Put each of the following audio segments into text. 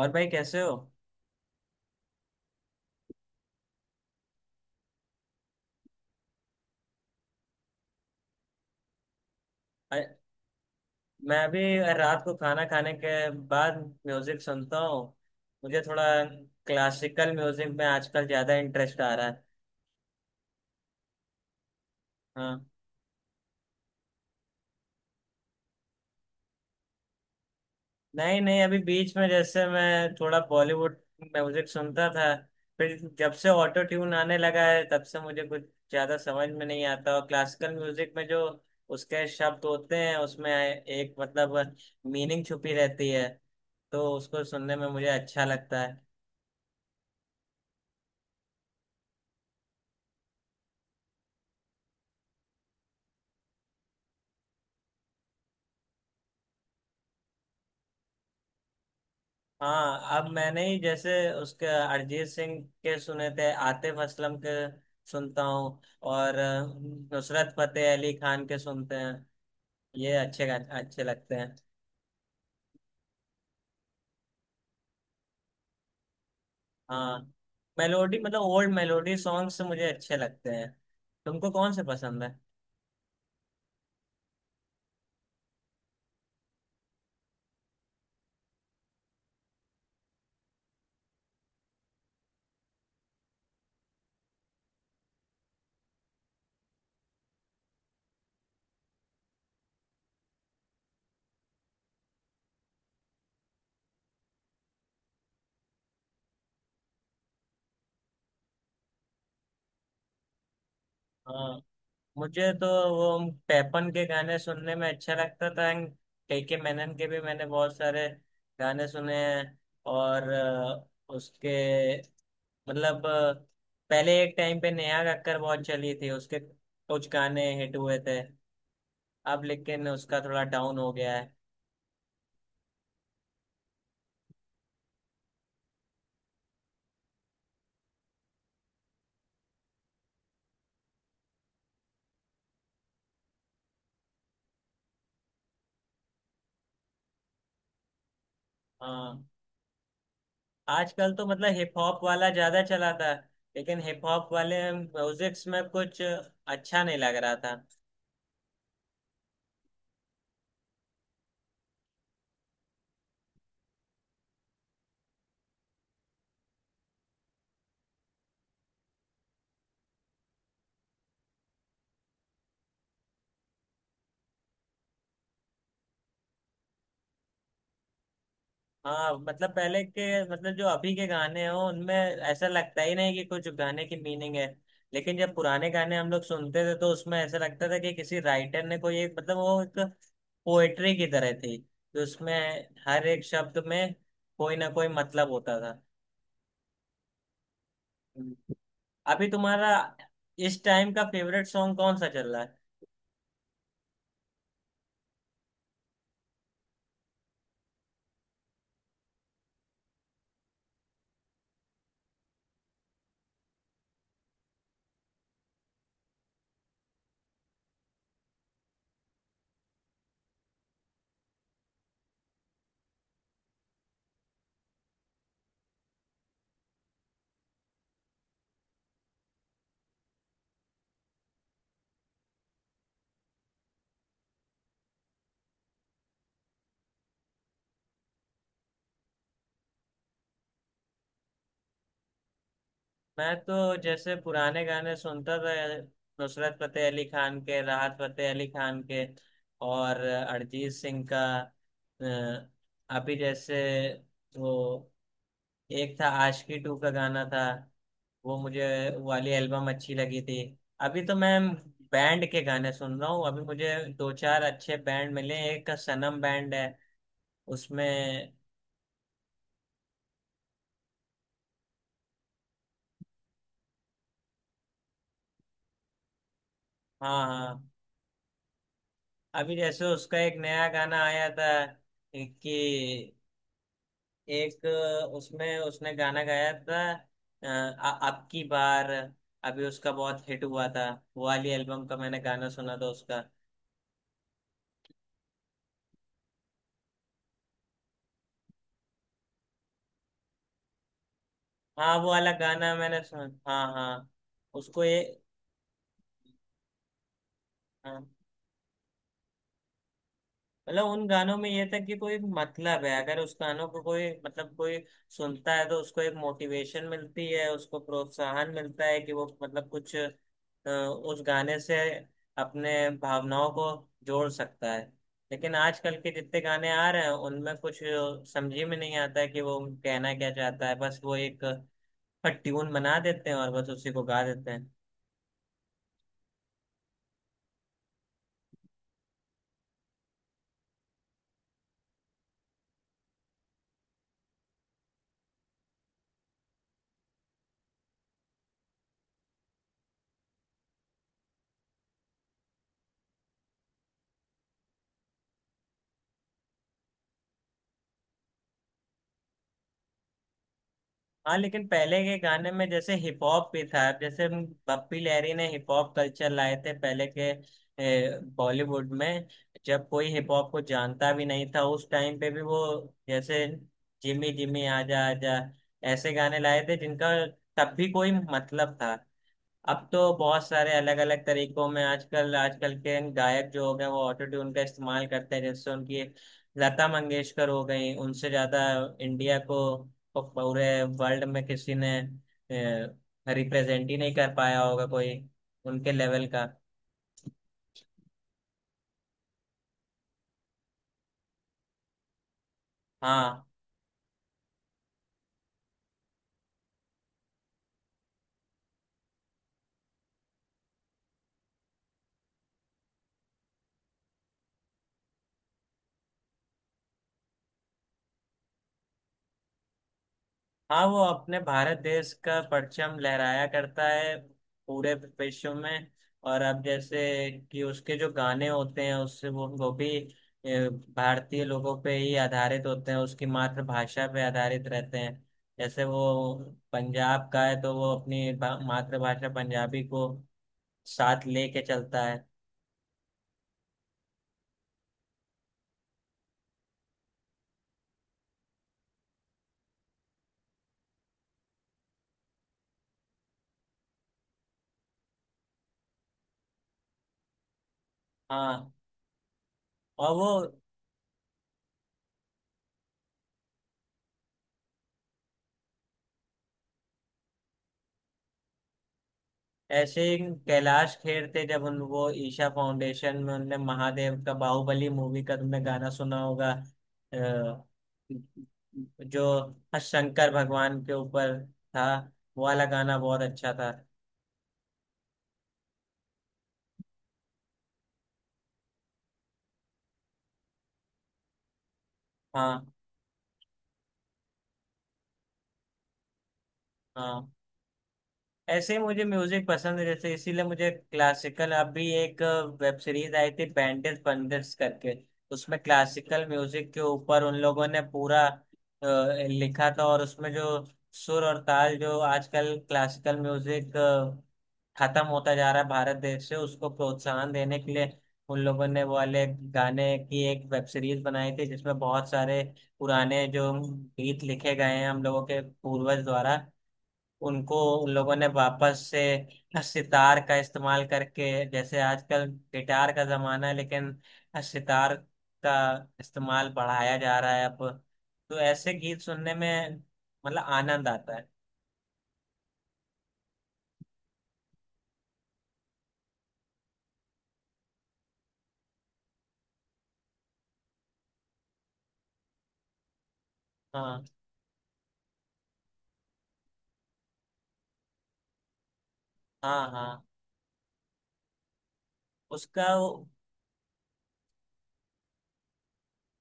और भाई कैसे हो? अ- मैं अभी रात को खाना खाने के बाद म्यूजिक सुनता हूँ। मुझे थोड़ा क्लासिकल म्यूजिक में आजकल ज्यादा इंटरेस्ट आ रहा है। हाँ। नहीं नहीं, अभी बीच में जैसे मैं थोड़ा बॉलीवुड म्यूजिक सुनता था, फिर जब से ऑटो ट्यून आने लगा है तब से मुझे कुछ ज्यादा समझ में नहीं आता। और क्लासिकल म्यूजिक में जो उसके शब्द होते हैं उसमें एक मतलब मीनिंग छुपी रहती है, तो उसको सुनने में मुझे अच्छा लगता है। हाँ। अब मैंने ही जैसे उसके अरिजीत सिंह के सुने थे, आतिफ असलम के सुनता हूँ, और नुसरत फतेह अली खान के सुनते हैं। ये अच्छे लगते हैं। हाँ, मेलोडी मतलब ओल्ड मेलोडी सॉन्ग्स मुझे अच्छे लगते हैं। तुमको कौन से पसंद है? हाँ। मुझे तो वो पैपन के गाने सुनने में अच्छा लगता था, के मैनन के भी मैंने बहुत सारे गाने सुने हैं। और उसके मतलब अ, पहले एक टाइम पे नेहा कक्कर बहुत चली थी, उसके कुछ गाने हिट हुए थे, अब लेकिन उसका थोड़ा डाउन हो गया है। हाँ। आजकल तो मतलब हिप हॉप वाला ज्यादा चला था, लेकिन हिप हॉप वाले म्यूजिक्स में कुछ अच्छा नहीं लग रहा था। हाँ मतलब पहले के मतलब जो अभी के गाने हो उनमें ऐसा लगता ही नहीं कि कुछ गाने की मीनिंग है। लेकिन जब पुराने गाने हम लोग सुनते थे तो उसमें ऐसा लगता था कि किसी राइटर ने कोई एक मतलब वो एक पोएट्री की तरह थी, तो उसमें हर एक शब्द में कोई ना कोई मतलब होता था। अभी तुम्हारा इस टाइम का फेवरेट सॉन्ग कौन सा चल रहा है? मैं तो जैसे पुराने गाने सुनता था, नुसरत फतेह अली खान के, राहत फतेह अली खान के, और अरिजीत सिंह का। अ, अभी जैसे वो एक था आशिकी टू का गाना था, वो मुझे वो वाली एल्बम अच्छी लगी थी। अभी तो मैं बैंड के गाने सुन रहा हूँ, अभी मुझे दो चार अच्छे बैंड मिले, एक का सनम बैंड है उसमें। हाँ हाँ। अभी जैसे उसका एक नया गाना आया था कि एक उसमें उसने गाना गाया था, अब की बार, अभी उसका बहुत हिट हुआ था, वो वाली एल्बम का मैंने गाना सुना था उसका। हाँ वो वाला गाना मैंने सुना, हाँ हाँ, उसको ये। हाँ मतलब उन गानों में ये था कि कोई मतलब है, अगर उस गानों को कोई मतलब कोई सुनता है तो उसको एक मोटिवेशन मिलती है, उसको प्रोत्साहन मिलता है कि वो मतलब कुछ उस गाने से अपने भावनाओं को जोड़ सकता है। लेकिन आजकल के जितने गाने आ रहे हैं उनमें कुछ समझ ही में नहीं आता है कि वो कहना क्या चाहता है, बस वो एक ट्यून बना देते हैं और बस उसी को गा देते हैं। हाँ लेकिन पहले के गाने में जैसे हिप हॉप भी था। अब जैसे हम पप्पी लहरी ने हिप हॉप कल्चर लाए थे पहले के बॉलीवुड में, जब कोई हिप हॉप को जानता भी नहीं था उस टाइम पे भी वो जैसे जिमी जिमी आजा आजा ऐसे गाने लाए थे जिनका तब भी कोई मतलब था। अब तो बहुत सारे अलग अलग तरीकों में आजकल आजकल के गायक जो हो गए वो ऑटो ट्यून का इस्तेमाल करते हैं। जैसे उनकी लता मंगेशकर हो गई, उनसे ज्यादा इंडिया को पूरे वर्ल्ड में किसी ने रिप्रेजेंट ही नहीं कर पाया होगा कोई उनके लेवल का। हाँ हाँ। वो अपने भारत देश का परचम लहराया करता है पूरे विश्व में। और अब जैसे कि उसके जो गाने होते हैं उससे वो भी भारतीय लोगों पे ही आधारित होते हैं, उसकी मातृभाषा पे आधारित रहते हैं। जैसे वो पंजाब का है तो वो अपनी मातृभाषा पंजाबी को साथ लेके चलता है। हाँ, और वो ऐसे ही कैलाश खेर थे, जब उन वो ईशा फाउंडेशन में उनने महादेव का बाहुबली मूवी का तुमने गाना सुना होगा, अ, जो शंकर भगवान के ऊपर था, वो वाला गाना बहुत अच्छा था। हाँ हाँ। ऐसे ही मुझे म्यूजिक पसंद है, जैसे इसीलिए मुझे क्लासिकल अभी एक वेब सीरीज आई थी बैंडिट पंडिट्स करके, उसमें क्लासिकल म्यूजिक के ऊपर उन लोगों ने पूरा अ, लिखा था। और उसमें जो सुर और ताल जो आजकल क्लासिकल म्यूजिक खत्म होता जा रहा है भारत देश से, उसको प्रोत्साहन देने के लिए उन लोगों ने वो वाले गाने की एक वेब सीरीज बनाई थी, जिसमें बहुत सारे पुराने जो गीत लिखे गए हैं हम लोगों के पूर्वज द्वारा उनको उन लोगों ने वापस से सितार का इस्तेमाल करके, जैसे आजकल गिटार का जमाना है लेकिन सितार का इस्तेमाल बढ़ाया जा रहा है अब। तो ऐसे गीत सुनने में मतलब आनंद आता है। हाँ हाँ हाँ। उसका वो-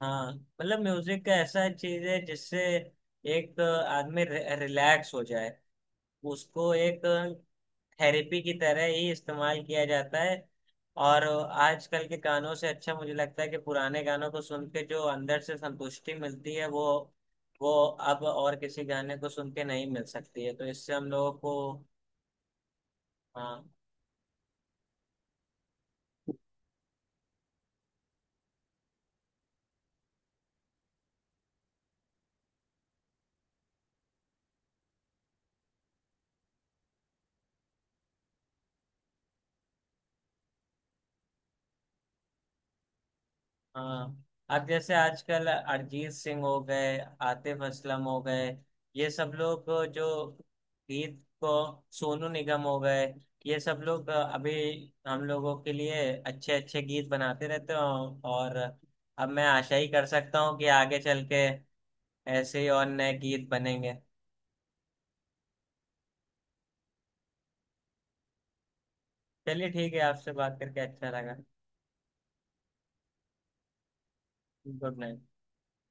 हाँ मतलब म्यूजिक का ऐसा चीज है जिससे एक आदमी रिलैक्स हो जाए, उसको एक थेरेपी की तरह ही इस्तेमाल किया जाता है। और आजकल के गानों से अच्छा मुझे लगता है कि पुराने गानों को सुन के जो अंदर से संतुष्टि मिलती है वो अब और किसी गाने को सुन के नहीं मिल सकती है, तो इससे हम लोगों को। हाँ हाँ। अब जैसे आजकल अरिजीत सिंह हो गए, आतिफ असलम हो गए, ये सब लोग जो गीत को सोनू निगम हो गए, ये सब लोग अभी हम लोगों के लिए अच्छे अच्छे गीत बनाते रहते हैं। और अब मैं आशा ही कर सकता हूँ कि आगे चल के ऐसे ही और नए गीत बनेंगे। चलिए ठीक है, आपसे बात करके अच्छा लगा। Good night.